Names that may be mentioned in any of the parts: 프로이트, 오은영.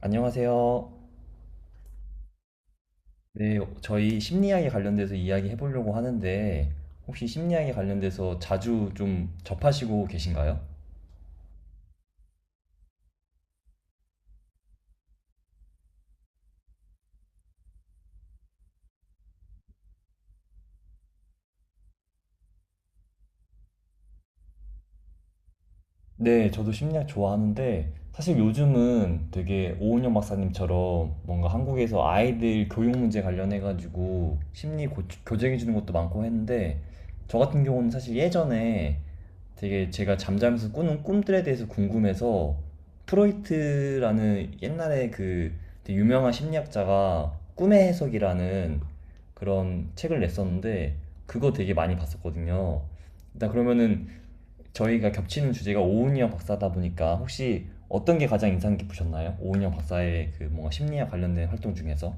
안녕하세요. 네, 저희 심리학에 관련돼서 이야기 해보려고 하는데, 혹시 심리학에 관련돼서 자주 좀 접하시고 계신가요? 네, 저도 심리학 좋아하는데, 사실 요즘은 되게 오은영 박사님처럼 뭔가 한국에서 아이들 교육 문제 관련해가지고 심리 교정해주는 것도 많고 했는데, 저 같은 경우는 사실 예전에 되게 제가 잠자면서 꾸는 꿈들에 대해서 궁금해서 프로이트라는 옛날에 그 되게 유명한 심리학자가 꿈의 해석이라는 그런 책을 냈었는데 그거 되게 많이 봤었거든요. 일단 그러면은, 저희가 겹치는 주제가 오은영 박사다 보니까, 혹시 어떤 게 가장 인상 깊으셨나요? 오은영 박사의 그 뭔가 심리학 관련된 활동 중에서?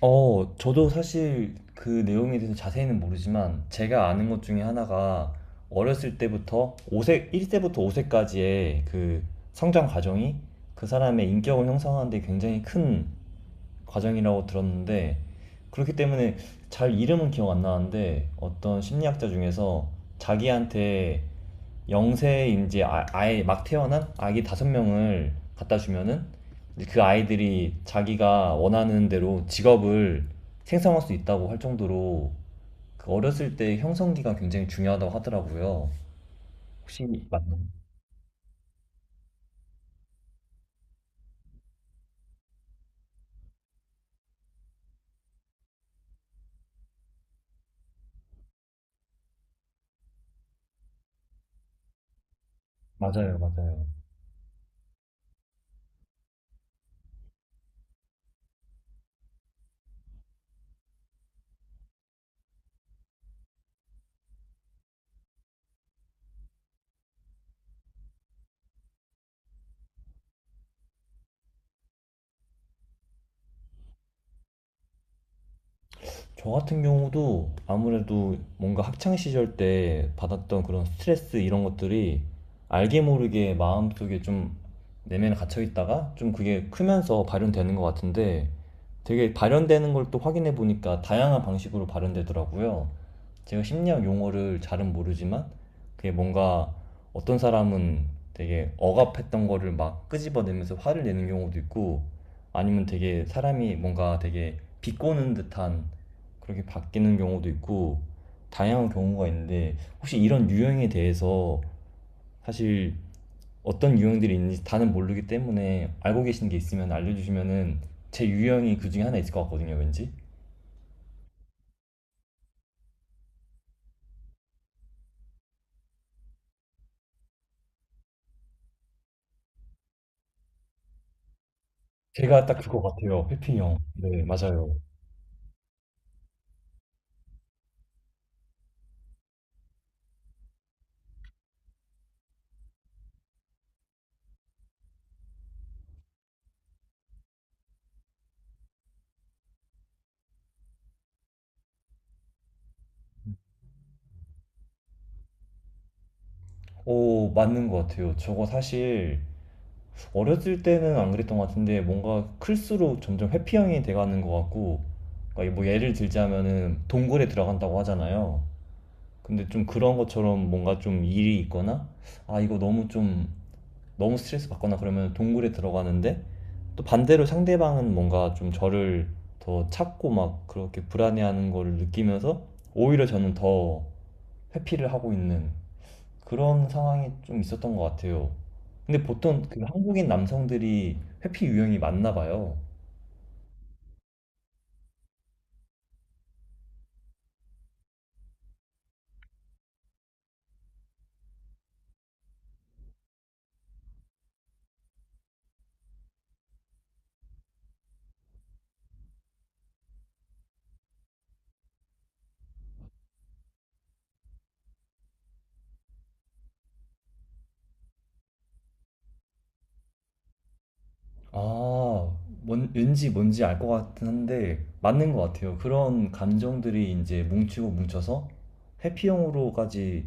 어, 저도 사실 그 내용에 대해서 자세히는 모르지만, 제가 아는 것 중에 하나가 어렸을 때부터 오세 1세부터 5세까지의 그 성장 과정이 그 사람의 인격을 형성하는 데 굉장히 큰 과정이라고 들었는데, 그렇기 때문에 잘 이름은 기억 안 나는데, 어떤 심리학자 중에서 자기한테 영세인지 아예 막 태어난 아기 5명을 갖다 주면은 그 아이들이 자기가 원하는 대로 직업을 생성할 수 있다고 할 정도로 그 어렸을 때 형성기가 굉장히 중요하다고 하더라고요. 혹시 맞나요? 맞아요, 맞아요. 저 같은 경우도 아무래도 뭔가 학창 시절 때 받았던 그런 스트레스 이런 것들이 알게 모르게 마음속에 좀 내면에 갇혀 있다가 좀 그게 크면서 발현되는 것 같은데, 되게 발현되는 걸 또 확인해 보니까 다양한 방식으로 발현되더라고요. 제가 심리학 용어를 잘은 모르지만, 그게 뭔가 어떤 사람은 되게 억압했던 거를 막 끄집어내면서 화를 내는 경우도 있고, 아니면 되게 사람이 뭔가 되게 비꼬는 듯한 그렇게 바뀌는 경우도 있고, 다양한 경우가 있는데, 혹시 이런 유형에 대해서 사실 어떤 유형들이 있는지 다는 모르기 때문에 알고 계시는 게 있으면 알려주시면은, 제 유형이 그 중에 하나 있을 것 같거든요, 왠지. 제가 딱 그거 같아요, 해피형. 네, 맞아요. 오, 맞는 것 같아요. 저거 사실 어렸을 때는 안 그랬던 것 같은데 뭔가 클수록 점점 회피형이 돼가는 것 같고, 그러니까 뭐 예를 들자면은 동굴에 들어간다고 하잖아요. 근데 좀 그런 것처럼 뭔가 좀 일이 있거나, 아, 이거 너무 좀 너무 스트레스 받거나 그러면 동굴에 들어가는데, 또 반대로 상대방은 뭔가 좀 저를 더 찾고 막 그렇게 불안해하는 거를 느끼면서 오히려 저는 더 회피를 하고 있는 그런 상황이 좀 있었던 것 같아요. 근데 보통 그 한국인 남성들이 회피 유형이 맞나 봐요. 아, 왠지 뭔지 알 것 같긴 한데 맞는 것 같아요. 그런 감정들이 이제 뭉치고 뭉쳐서 회피형으로까지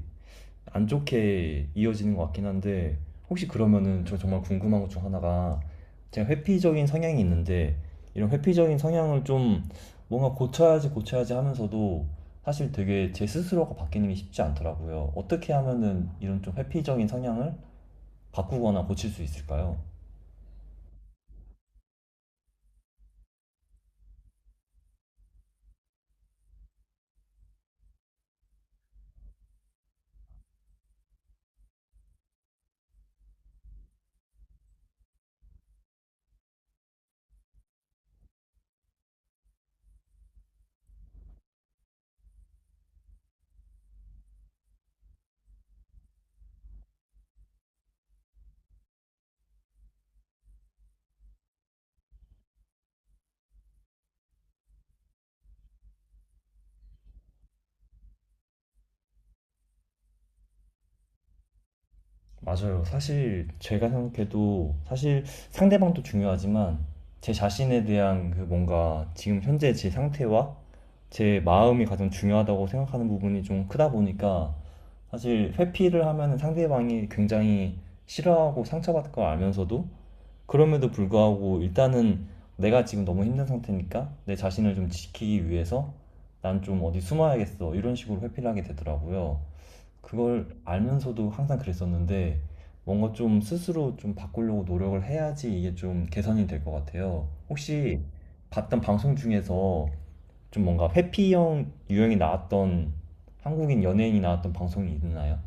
안 좋게 이어지는 것 같긴 한데, 혹시 그러면은 저 정말 궁금한 것 중 하나가, 제가 회피적인 성향이 있는데 이런 회피적인 성향을 좀 뭔가 고쳐야지 고쳐야지 하면서도 사실 되게 제 스스로가 바뀌는 게 쉽지 않더라고요. 어떻게 하면은 이런 좀 회피적인 성향을 바꾸거나 고칠 수 있을까요? 맞아요. 사실 제가 생각해도 사실 상대방도 중요하지만, 제 자신에 대한 그 뭔가 지금 현재 제 상태와 제 마음이 가장 중요하다고 생각하는 부분이 좀 크다 보니까, 사실 회피를 하면 상대방이 굉장히 싫어하고 상처받을 걸 알면서도 그럼에도 불구하고 일단은 내가 지금 너무 힘든 상태니까 내 자신을 좀 지키기 위해서 난 좀 어디 숨어야겠어 이런 식으로 회피를 하게 되더라고요. 그걸 알면서도 항상 그랬었는데, 뭔가 좀 스스로 좀 바꾸려고 노력을 해야지 이게 좀 개선이 될 것 같아요. 혹시 봤던 방송 중에서 좀 뭔가 회피형 유형이 나왔던 한국인 연예인이 나왔던 방송이 있나요?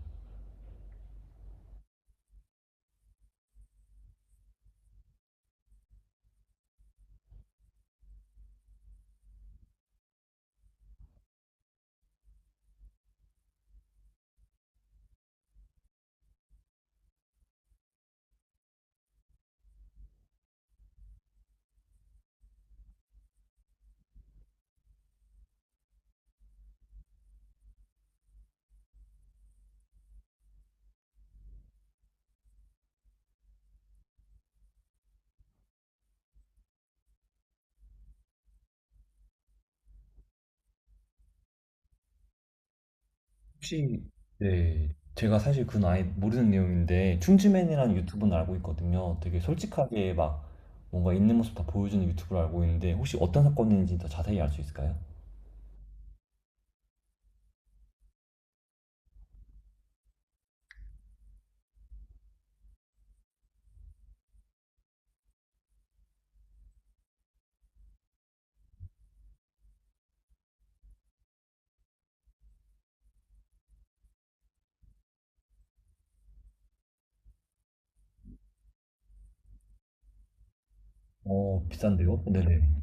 혹시 네, 제가 사실 그건 아예 모르는 내용인데 춤즈맨이라는 유튜브는 알고 있거든요. 되게 솔직하게 막 뭔가 있는 모습 다 보여주는 유튜브를 알고 있는데, 혹시 어떤 사건인지 더 자세히 알 수 있을까요? 어, 비싼데요? 네네.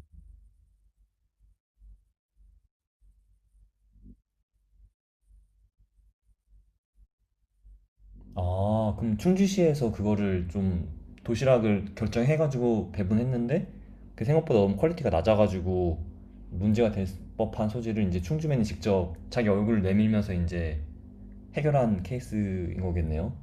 아, 그럼 충주시에서 그거를 좀 도시락을 결정해가지고 배분했는데, 그 생각보다 너무 퀄리티가 낮아가지고 문제가 될 법한 소지를 이제 충주맨이 직접 자기 얼굴을 내밀면서 이제 해결한 케이스인 거겠네요.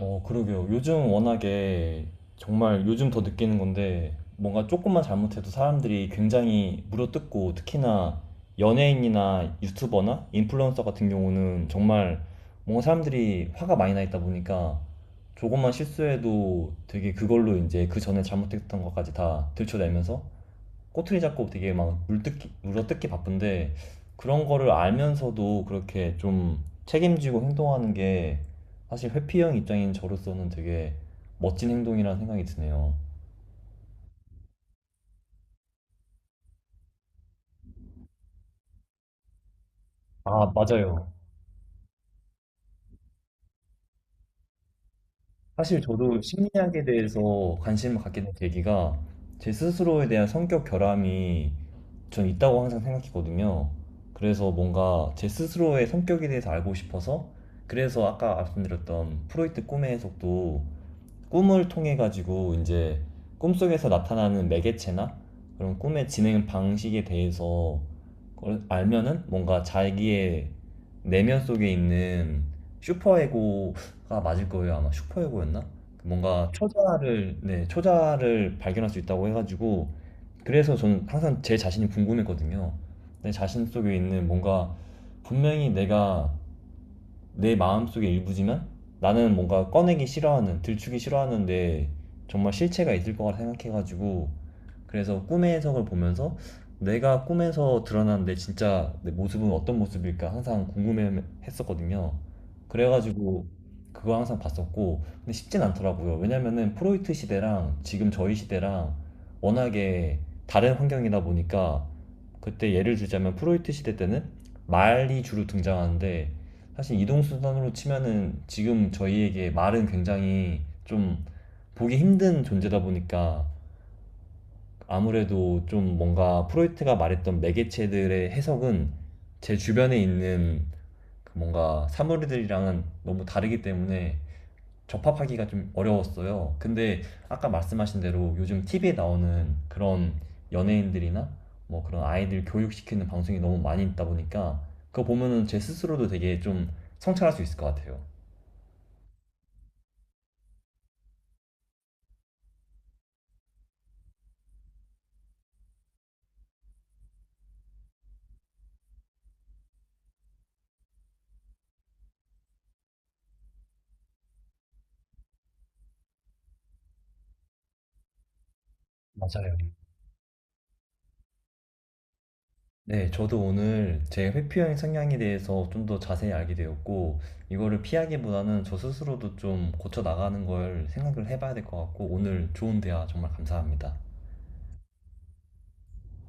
어, 그러게요. 요즘 워낙에, 정말 요즘 더 느끼는 건데, 뭔가 조금만 잘못해도 사람들이 굉장히 물어뜯고, 특히나 연예인이나 유튜버나 인플루언서 같은 경우는 정말 뭔가 사람들이 화가 많이 나 있다 보니까, 조금만 실수해도 되게 그걸로 이제 그 전에 잘못했던 것까지 다 들춰내면서 꼬투리 잡고 되게 막 물어뜯기 바쁜데, 그런 거를 알면서도 그렇게 좀 책임지고 행동하는 게 사실 회피형 입장인 저로서는 되게 멋진 행동이라는 생각이 드네요. 아, 맞아요. 사실 저도 심리학에 대해서 관심을 갖게 된 계기가, 제 스스로에 대한 성격 결함이 전 있다고 항상 생각했거든요. 그래서 뭔가 제 스스로의 성격에 대해서 알고 싶어서, 그래서 아까 말씀드렸던 프로이트 꿈의 해석도 꿈을 통해 가지고 이제 꿈속에서 나타나는 매개체나 그런 꿈의 진행 방식에 대해서 그걸 알면은 뭔가 자기의 내면 속에 있는 슈퍼에고가 맞을 거예요. 아마 슈퍼에고였나? 뭔가 초자를, 네, 초자를 발견할 수 있다고 해가지고, 그래서 저는 항상 제 자신이 궁금했거든요. 내 자신 속에 있는 뭔가 분명히 내가 내 마음속의 일부지만 나는 뭔가 꺼내기 싫어하는, 들추기 싫어하는데, 정말 실체가 있을 거라 생각해가지고 그래서 꿈의 해석을 보면서 내가 꿈에서 드러난 내 진짜 내 모습은 어떤 모습일까 항상 궁금했었거든요. 그래가지고 그거 항상 봤었고, 근데 쉽진 않더라고요. 왜냐면은 프로이트 시대랑 지금 저희 시대랑 워낙에 다른 환경이다 보니까, 그때 예를 들자면 프로이트 시대 때는 말이 주로 등장하는데, 사실 이동수단으로 치면은 지금 저희에게 말은 굉장히 좀 보기 힘든 존재다 보니까 아무래도 좀 뭔가 프로이트가 말했던 매개체들의 해석은 제 주변에 있는 그 뭔가 사물들이랑은 너무 다르기 때문에 접합하기가 좀 어려웠어요. 근데 아까 말씀하신 대로 요즘 TV에 나오는 그런 연예인들이나 뭐 그런 아이들 교육시키는 방송이 너무 많이 있다 보니까 그거 보면은 제 스스로도 되게 좀 성찰할 수 있을 것 같아요. 맞아요. 네, 저도 오늘 제 회피형 성향에 대해서 좀 더 자세히 알게 되었고, 이거를 피하기보다는 저 스스로도 좀 고쳐 나가는 걸 생각을 해봐야 될 것 같고, 오늘 좋은 대화 정말 감사합니다.